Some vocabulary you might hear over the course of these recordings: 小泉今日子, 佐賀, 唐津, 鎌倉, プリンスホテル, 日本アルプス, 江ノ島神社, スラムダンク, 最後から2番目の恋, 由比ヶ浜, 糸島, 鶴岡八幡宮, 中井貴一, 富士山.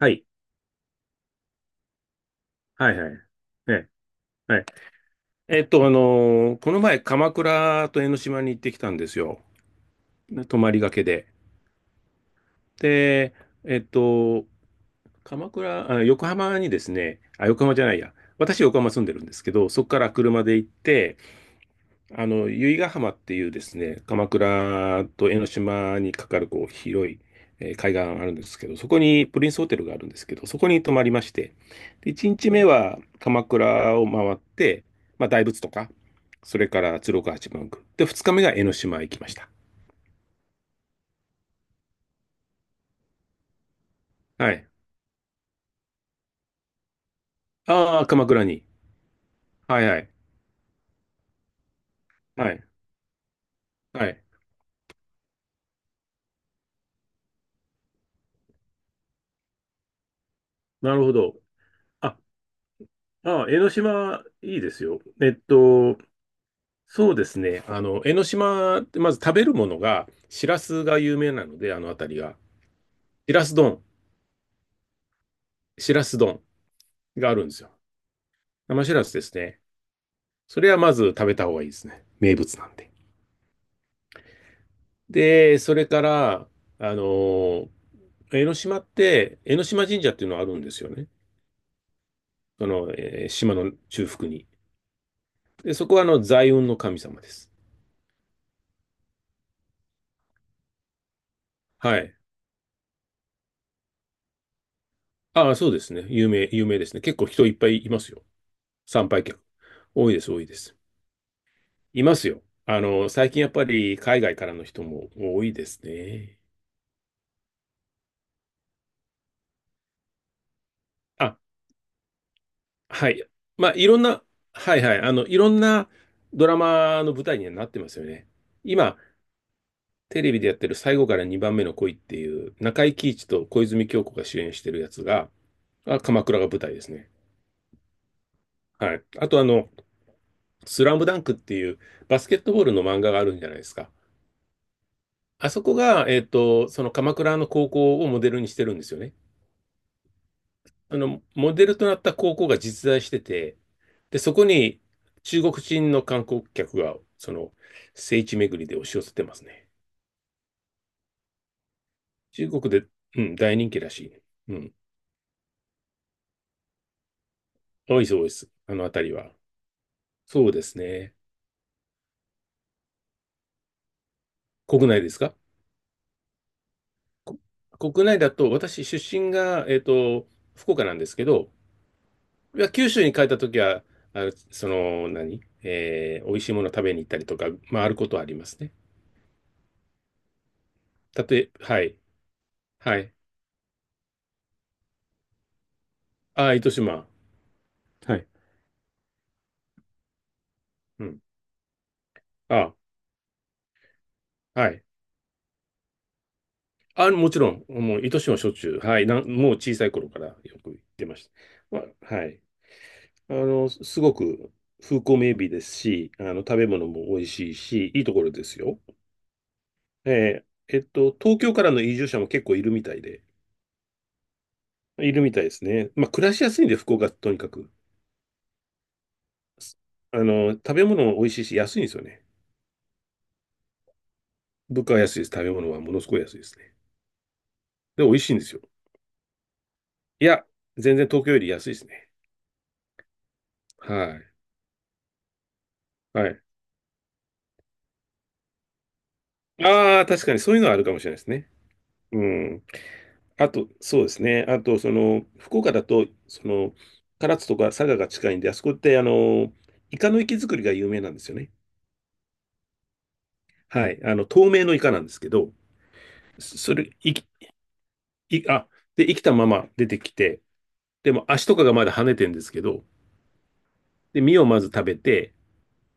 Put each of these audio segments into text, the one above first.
はい。はいはい。ね、はい。この前、鎌倉と江ノ島に行ってきたんですよ。ね、泊まりがけで。で、えっと、鎌倉、あ、横浜にですね、あ、横浜じゃないや。私、横浜住んでるんですけど、そこから車で行って、由比ヶ浜っていうですね、鎌倉と江ノ島にかかるこう広い、海岸あるんですけど、そこにプリンスホテルがあるんですけど、そこに泊まりまして、で、1日目は鎌倉を回って、まあ、大仏とか、それから鶴岡八幡宮。で、2日目が江ノ島へ行きました。はい。ああ、鎌倉に。はいはい。はい。はい。なるほど。あ、ああ、江ノ島いいですよ。そうですね。江ノ島ってまず食べるものが、しらすが有名なので、あの辺りが。しらす丼、しらす丼があるんですよ。生しらすですね。それはまず食べた方がいいですね。名物なんで。で、それから、あの、江ノ島って、江ノ島神社っていうのがあるんですよね。その、島の中腹に。で、そこは財運の神様です。はい。ああ、そうですね。有名ですね。結構人いっぱいいますよ。参拝客。多いです、多いです。いますよ。最近やっぱり海外からの人も多いですね。あ、はい。まあ、いろんな、はいはい。いろんなドラマの舞台にはなってますよね。今、テレビでやってる最後から2番目の恋っていう、中井貴一と小泉今日子が主演してるやつが、あ、鎌倉が舞台ですね。はい。あとスラムダンクっていうバスケットボールの漫画があるんじゃないですか。あそこが、その鎌倉の高校をモデルにしてるんですよね。モデルとなった高校が実在してて、で、そこに中国人の観光客が、聖地巡りで押し寄せてますね。中国で、うん、大人気らしい。うん。多いそうです。あの辺りは。そうですね。国内ですか？こ国内だと、私、出身が、福岡なんですけど、いや九州に帰った時は、あのその、何えー、美味しいもの食べに行ったりとか、まあ、あることはありますね。たとえ、はい。はい。ああ、糸島。はい。うん。あ、はい。あ、もちろん、もう、糸島はしょっちゅう、はい、もう小さい頃からよく行ってました。まあ、はい。すごく風光明媚ですし、食べ物も美味しいし、いいところですよ。えー東京からの移住者も結構いるみたいで、いるみたいですね。まあ、暮らしやすいんで、福岡、とにかく。食べ物も美味しいし、安いんですよね。物価は安いです。食べ物はものすごい安いですね。で、美味しいんですよ。いや、全然東京より安いですね。はい。はい。ああ、確かにそういうのはあるかもしれないですね。うん。あと、そうですね。あと、福岡だと、唐津とか佐賀が近いんで、あそこって、イカの活き作りが有名なんですよね。はい。透明のイカなんですけど、そそれ、いき、い、あ、で、生きたまま出てきて、でも足とかがまだ跳ねてるんですけど、で、身をまず食べて、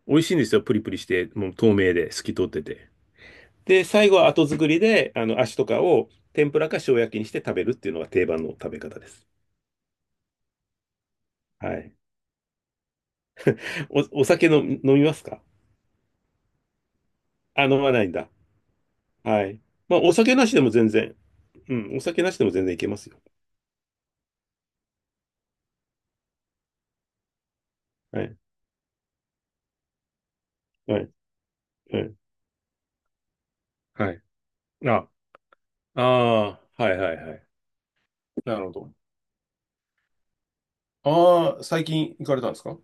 美味しいんですよ。プリプリして、もう透明で透き通ってて。で、最後は後作りで、足とかを天ぷらか塩焼きにして食べるっていうのが定番の食べ方です。はい。お酒の飲みますか？あ、飲まないんだ。はい。まあ、お酒なしでも全然。うん、お酒なしでも全然いけますよ。はい。はい。はい。はい。あ、ああ、はいはいはい。なるほど。ああ、最近行かれたんですか？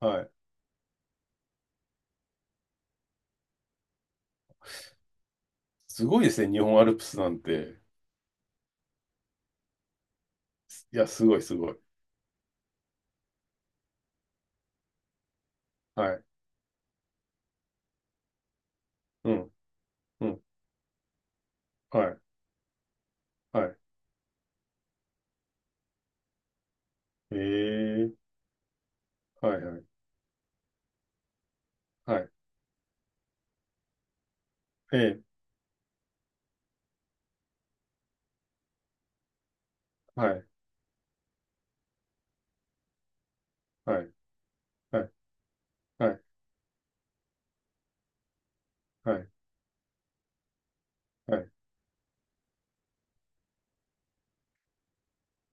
はい。すごいですね、日本アルプスなんて。いや、すごいすごい。はい。うん、うん、はい、はい。ええ、はいはい、はい。ええ、はい、はい、はい、はい、はい。はい、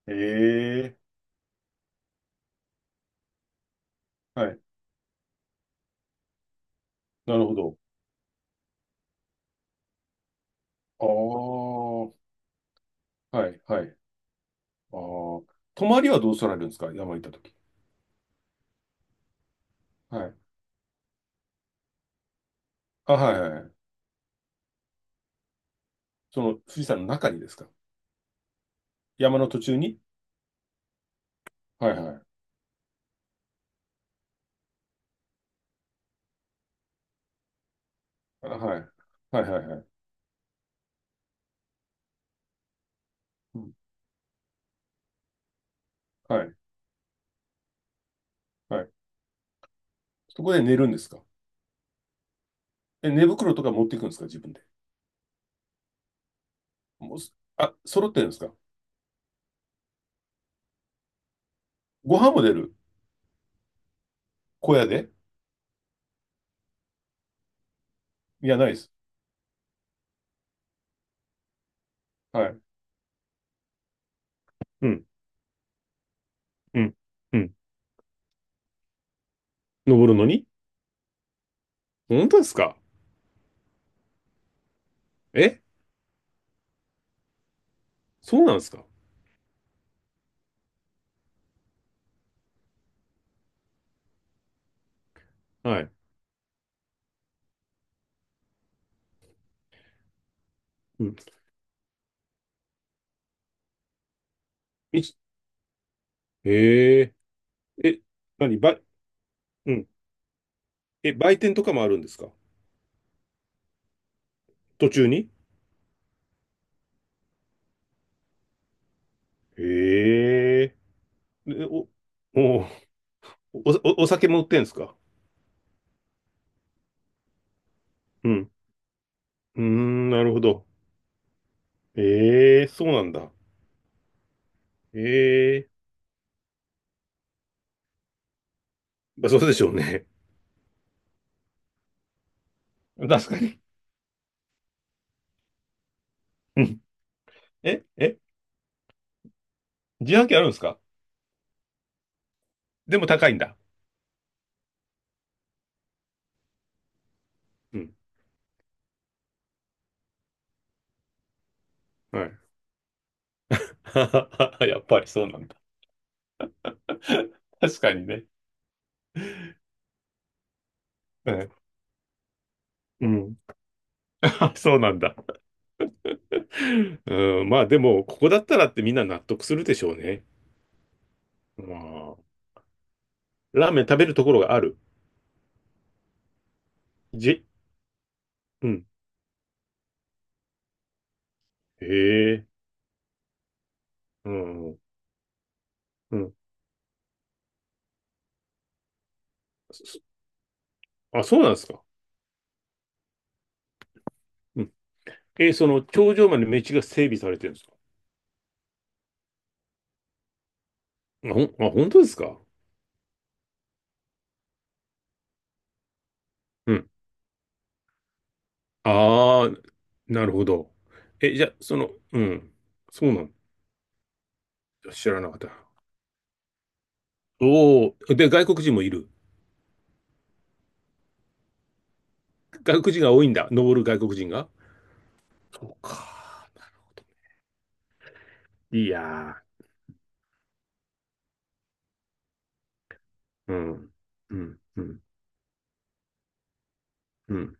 ええ、はい。なるほど。ああ、はい、はい。ああ、泊まりはどうされるんですか？山行ったとき。はい。あ、はい、はいはい。富士山の中にですか？山の途中に？はい、はい。あ、はい。はい、はい、はい。うん。はい、はい。そこで寝るんですか？え、寝袋とか持っていくんですか？自分で。もうす、あ、揃ってるんですか？ご飯も出る？小屋で？いや、ないです。はい。うん、うん、うん。登るのに？本当ですか？え、そうなんですか？はい。うん。いへええ、何ば、うん。え、売店とかもあるんですか？途中に？へえ。でお、お酒も売ってんすか？うん。うーん、なるほど。ええ、そうなんだ。ええ。まあ、そうでしょうね。確かに。うん。え、自販機あるんですか？でも高いんだ。うん。はい。やっぱりそうなんだ。確かにね。うんうん。あ、そうなんだ。うん。まあ、でも、ここだったらってみんな納得するでしょうね。まあ、ラーメン食べるところがある。じ、うん。へえ。うんうん。そそうなんですか。うん。その頂上まで道が整備されてるんですか。あ、ほん、あ、本当ですか。うん。ああ、なるほど。え、じゃあ、うん。そうなんだ。知らなかった。おお、で、外国人もいる。外国人が多いんだ。登る外国人が。そうか。なるほど。いやー、うん、うん、うん、うん。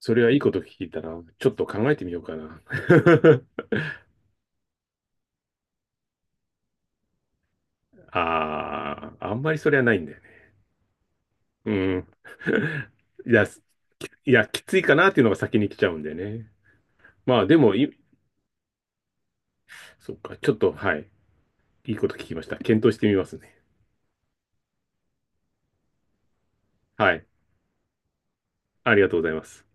それはいいこと聞いたな。ちょっと考えてみようかな。ああ、あんまりそれはないんだよ。うん。いや、いや、きついかなっていうのが先に来ちゃうんでね。まあでもそっか、ちょっと、はい。いいこと聞きました。検討してみますね。はい。ありがとうございます。